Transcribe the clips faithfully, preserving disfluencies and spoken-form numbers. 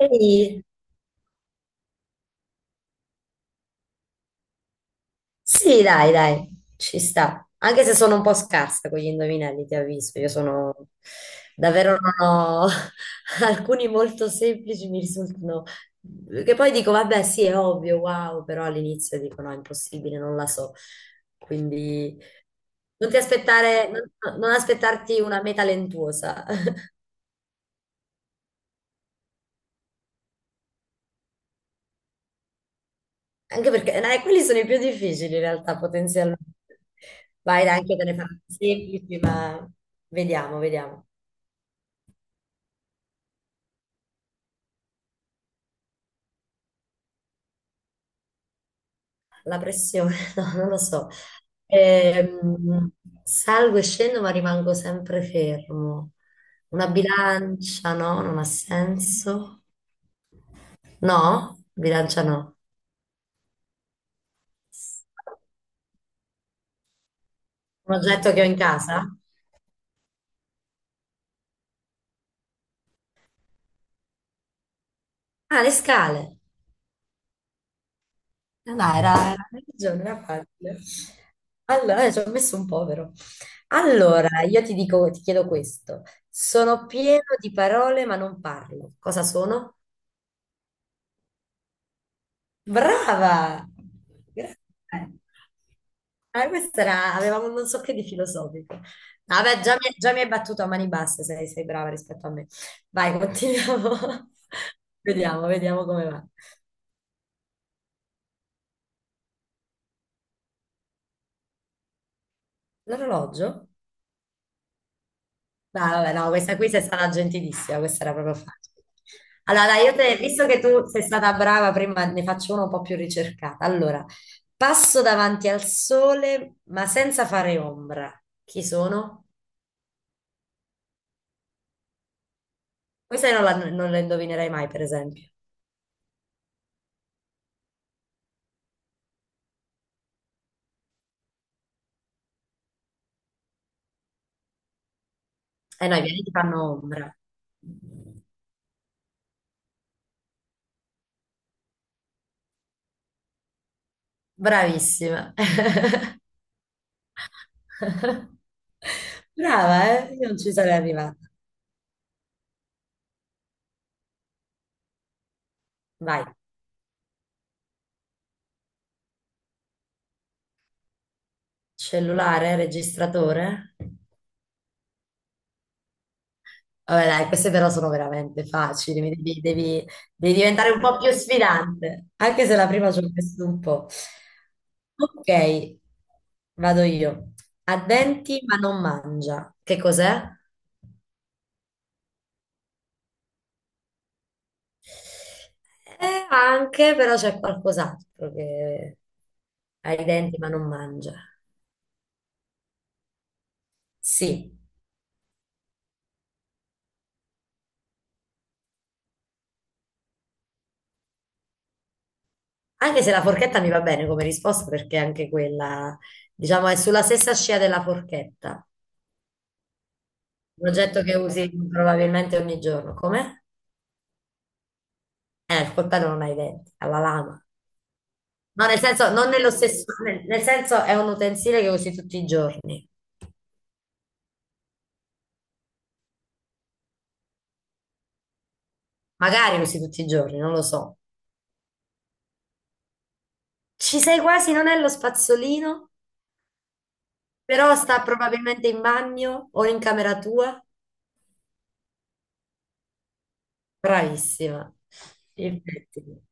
Ehi, sì, dai, dai, ci sta. Anche se sono un po' scarsa con gli indovinelli, ti avviso. Io sono davvero non ho alcuni molto semplici, mi risultano. Che poi dico, vabbè, sì, è ovvio, wow, però all'inizio dico, no, è impossibile, non la so. Quindi non ti aspettare, non, non aspettarti una meta lentuosa. Anche perché eh, quelli sono i più difficili in realtà, potenzialmente. Vai, dai, anche te ne faccio semplici, ma vediamo, vediamo. La pressione, no, non lo so. Ehm, salgo e scendo, ma rimango sempre fermo. Una bilancia, no, non ha senso. No, bilancia no. Un oggetto che ho in casa? Ah, le scale. Eh, Dai, era, era, hai ragione, era facile. Allora, eh, ci ho messo un povero. Allora, io ti dico, ti chiedo questo. Sono pieno di parole, ma non parlo. Cosa sono? Brava! Grazie. Ah, questa era, avevamo un non so che di filosofico. No, vabbè, già mi, già mi hai battuto a mani basse, sei, sei brava rispetto a me. Vai, continuiamo. Vediamo, vediamo come va. L'orologio? No, vabbè, no, questa qui sei stata gentilissima, questa era proprio facile. Allora, dai, io te, visto che tu sei stata brava prima, ne faccio una un po' più ricercata. Allora, passo davanti al sole, ma senza fare ombra. Chi sono? Questa non la, non la indovinerai mai, per esempio. E noi vieni ti fanno ombra. Bravissima. Brava, eh? Io non ci sarei arrivata. Vai. Cellulare, registratore. Vabbè, dai, queste però sono veramente facili. Mi Devi, devi- devi diventare un po' più sfidante. Anche se la prima ci ho messo un po'. Ok, vado io. Ha denti ma non mangia. Che cos'è? Eh, anche, però c'è qualcos'altro che ha i denti ma non mangia. Sì, anche se la forchetta mi va bene come risposta perché anche quella, diciamo, è sulla stessa scia della forchetta. Un oggetto che usi probabilmente ogni giorno. Come? Eh, il coltello non ha i denti, ha la lama. No, nel senso, non nello stesso, nel, nel senso è un utensile che usi tutti i giorni. Magari usi tutti i giorni, non lo so. Ci sei quasi, non è lo spazzolino? Però sta probabilmente in bagno o in camera tua. Bravissima. Infatti.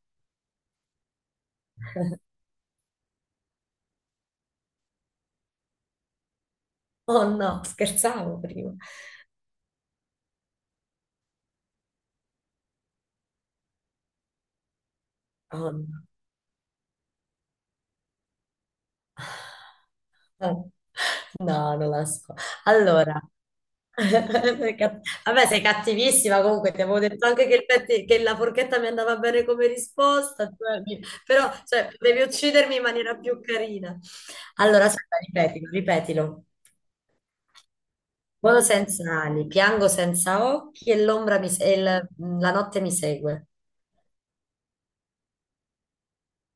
Oh no, scherzavo prima. Oh no. Oh. No, non la so. Allora, sei cat- vabbè, sei cattivissima comunque, ti avevo detto anche che, il petti- che la forchetta mi andava bene come risposta, cioè, mi- però cioè, potevi uccidermi in maniera più carina. Allora, aspetta, ripetilo, ripetilo. Volo senza ali, piango senza occhi e l'ombra mi se- e il- mm, la notte mi segue.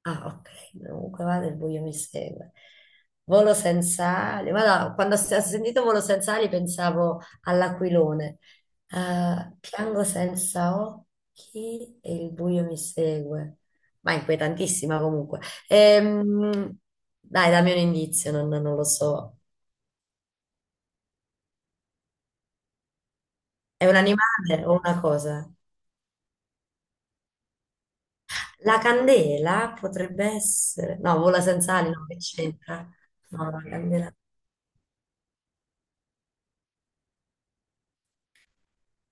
Ah, ok, comunque vado, il buio mi segue. Volo senza ali. Guarda, quando ho s- ho sentito volo senza ali pensavo all'aquilone. Ah, piango senza occhi e il buio mi segue. Ma è inquietantissima comunque. Ehm, dai, dammi un indizio, non, non lo so. È un animale o una cosa? La candela potrebbe essere... No, vola senza ali, no, che c'entra? No, la candela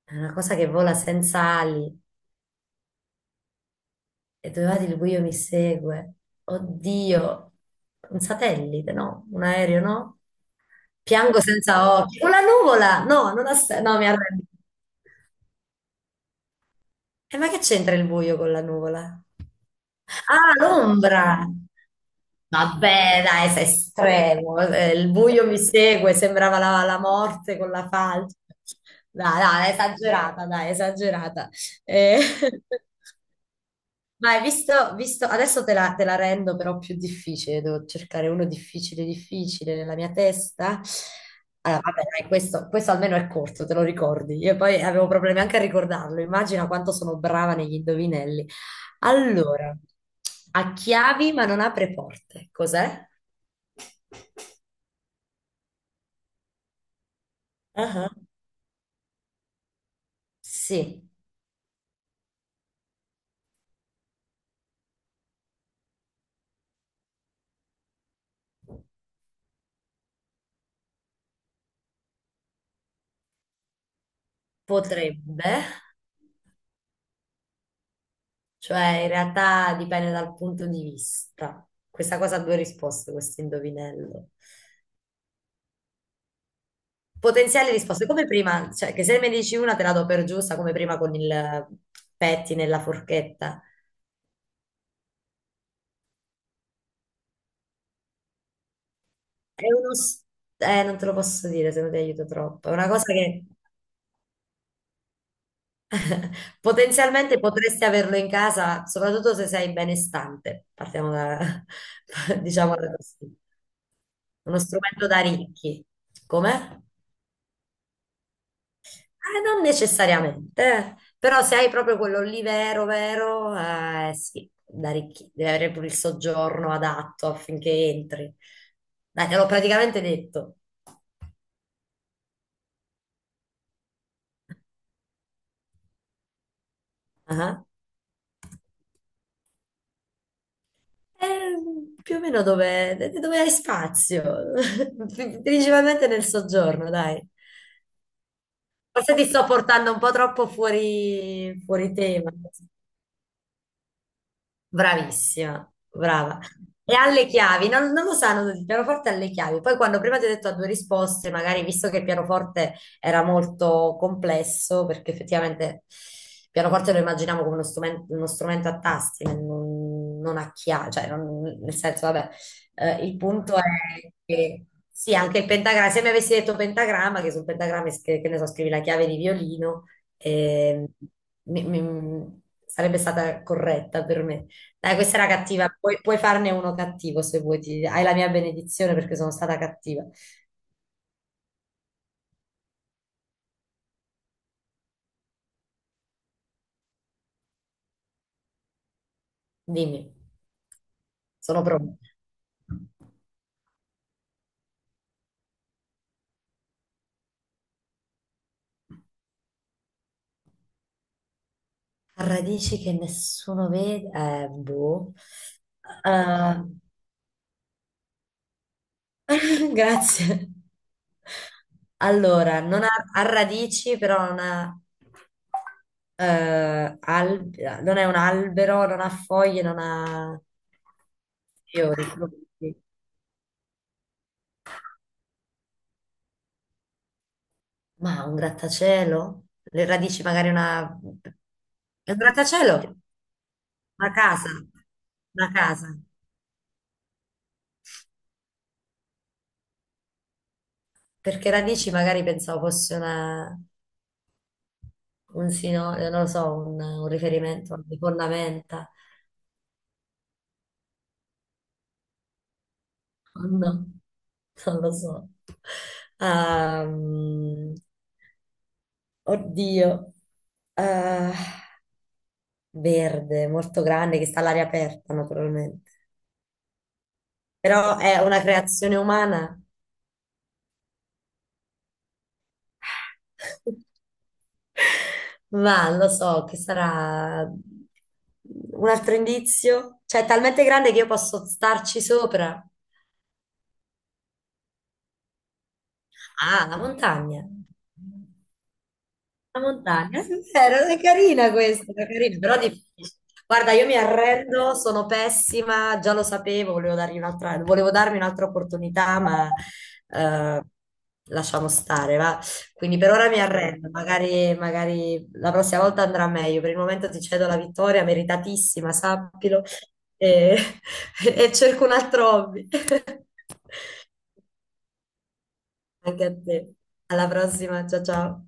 è una cosa che vola senza ali e dove vado il buio mi segue. Oddio, un satellite, no? Un aereo, no? Piango senza occhi. Con la nuvola! No, non ha sen- No, mi arrendo. E ma che c'entra il buio con la nuvola? Ah, l'ombra! Vabbè, dai, sei estremo. eh, Il buio mi segue, sembrava la, la morte con la falce. Dai, dai, esagerata, dai, esagerata. Eh, ma hai visto, visto, adesso te la, te la rendo però più difficile, devo cercare uno difficile, difficile nella mia testa. Allora, vabbè, dai, questo, questo almeno è corto, te lo ricordi. Io poi avevo problemi anche a ricordarlo, immagina quanto sono brava negli indovinelli. Allora, ha chiavi ma non apre porte, cos'è? Ah, sì, potrebbe, cioè in realtà dipende dal punto di vista. Questa cosa ha due risposte, questo indovinello. Potenziali risposte, come prima, cioè che se me ne dici una te la do per giusta, come prima con il petti nella forchetta. È uno... s- Eh, non te lo posso dire se non ti aiuto troppo. È una cosa che potenzialmente potresti averlo in casa, soprattutto se sei benestante. Partiamo da, diciamo da questo. Uno strumento da ricchi. Come? Eh, non necessariamente, eh. Però se hai proprio quello lì vero, vero, eh, sì, da ricchi, devi avere pure il soggiorno adatto affinché entri. Dai, te l'ho praticamente detto. Ah, eh, più o meno dove, dove hai spazio, principalmente nel soggiorno, dai. Forse ti sto portando un po' troppo fuori, fuori tema. Bravissima, brava. E alle chiavi, non, non lo sanno tutti, il pianoforte alle chiavi. Poi quando prima ti ho detto a due risposte, magari visto che il pianoforte era molto complesso, perché effettivamente il pianoforte lo immaginiamo come uno strumen- uno strumento, a tasti, non, non a chiavi, cioè non- nel senso, vabbè, eh, il punto è che sì, anche il pentagramma, se mi avessi detto pentagramma, che sul pentagramma, es- che, che ne so, scrivi la chiave di violino, ehm, mi- mi- sarebbe stata corretta per me. Dai, questa era cattiva, puoi, puoi farne uno cattivo se vuoi, ti- hai la mia benedizione perché sono stata cattiva. Dimmi, sono pronta. Radici che nessuno vede, eh, boh. Eh, grazie. Allora, non ha, ha radici, però non ha, eh, al- non è un albero, non ha foglie, non ha fiori. Ma un grattacielo? Le radici magari una... È un grattacielo? Una casa? Una casa? Perché radici magari pensavo fosse una... un sino... eh, non lo so, un, un riferimento a alle fondamenta. No, non lo so. Ehm, oddio. Eh, verde, molto grande, che sta all'aria aperta naturalmente. Però è una creazione umana. Ma lo so che sarà un altro indizio. Cioè, è talmente grande che io posso starci sopra. Ah, la montagna. La montagna, è vero, è carina questa, è carina, però difficile. Guarda, io mi arrendo, sono pessima, già lo sapevo, volevo dargli un'altra, volevo darmi un'altra opportunità, ma eh, lasciamo stare, va. Quindi per ora mi arrendo, magari, magari la prossima volta andrà meglio. Per il momento ti cedo la vittoria, meritatissima, sappilo, e, e cerco un altro hobby. Anche a te. Alla prossima, ciao ciao.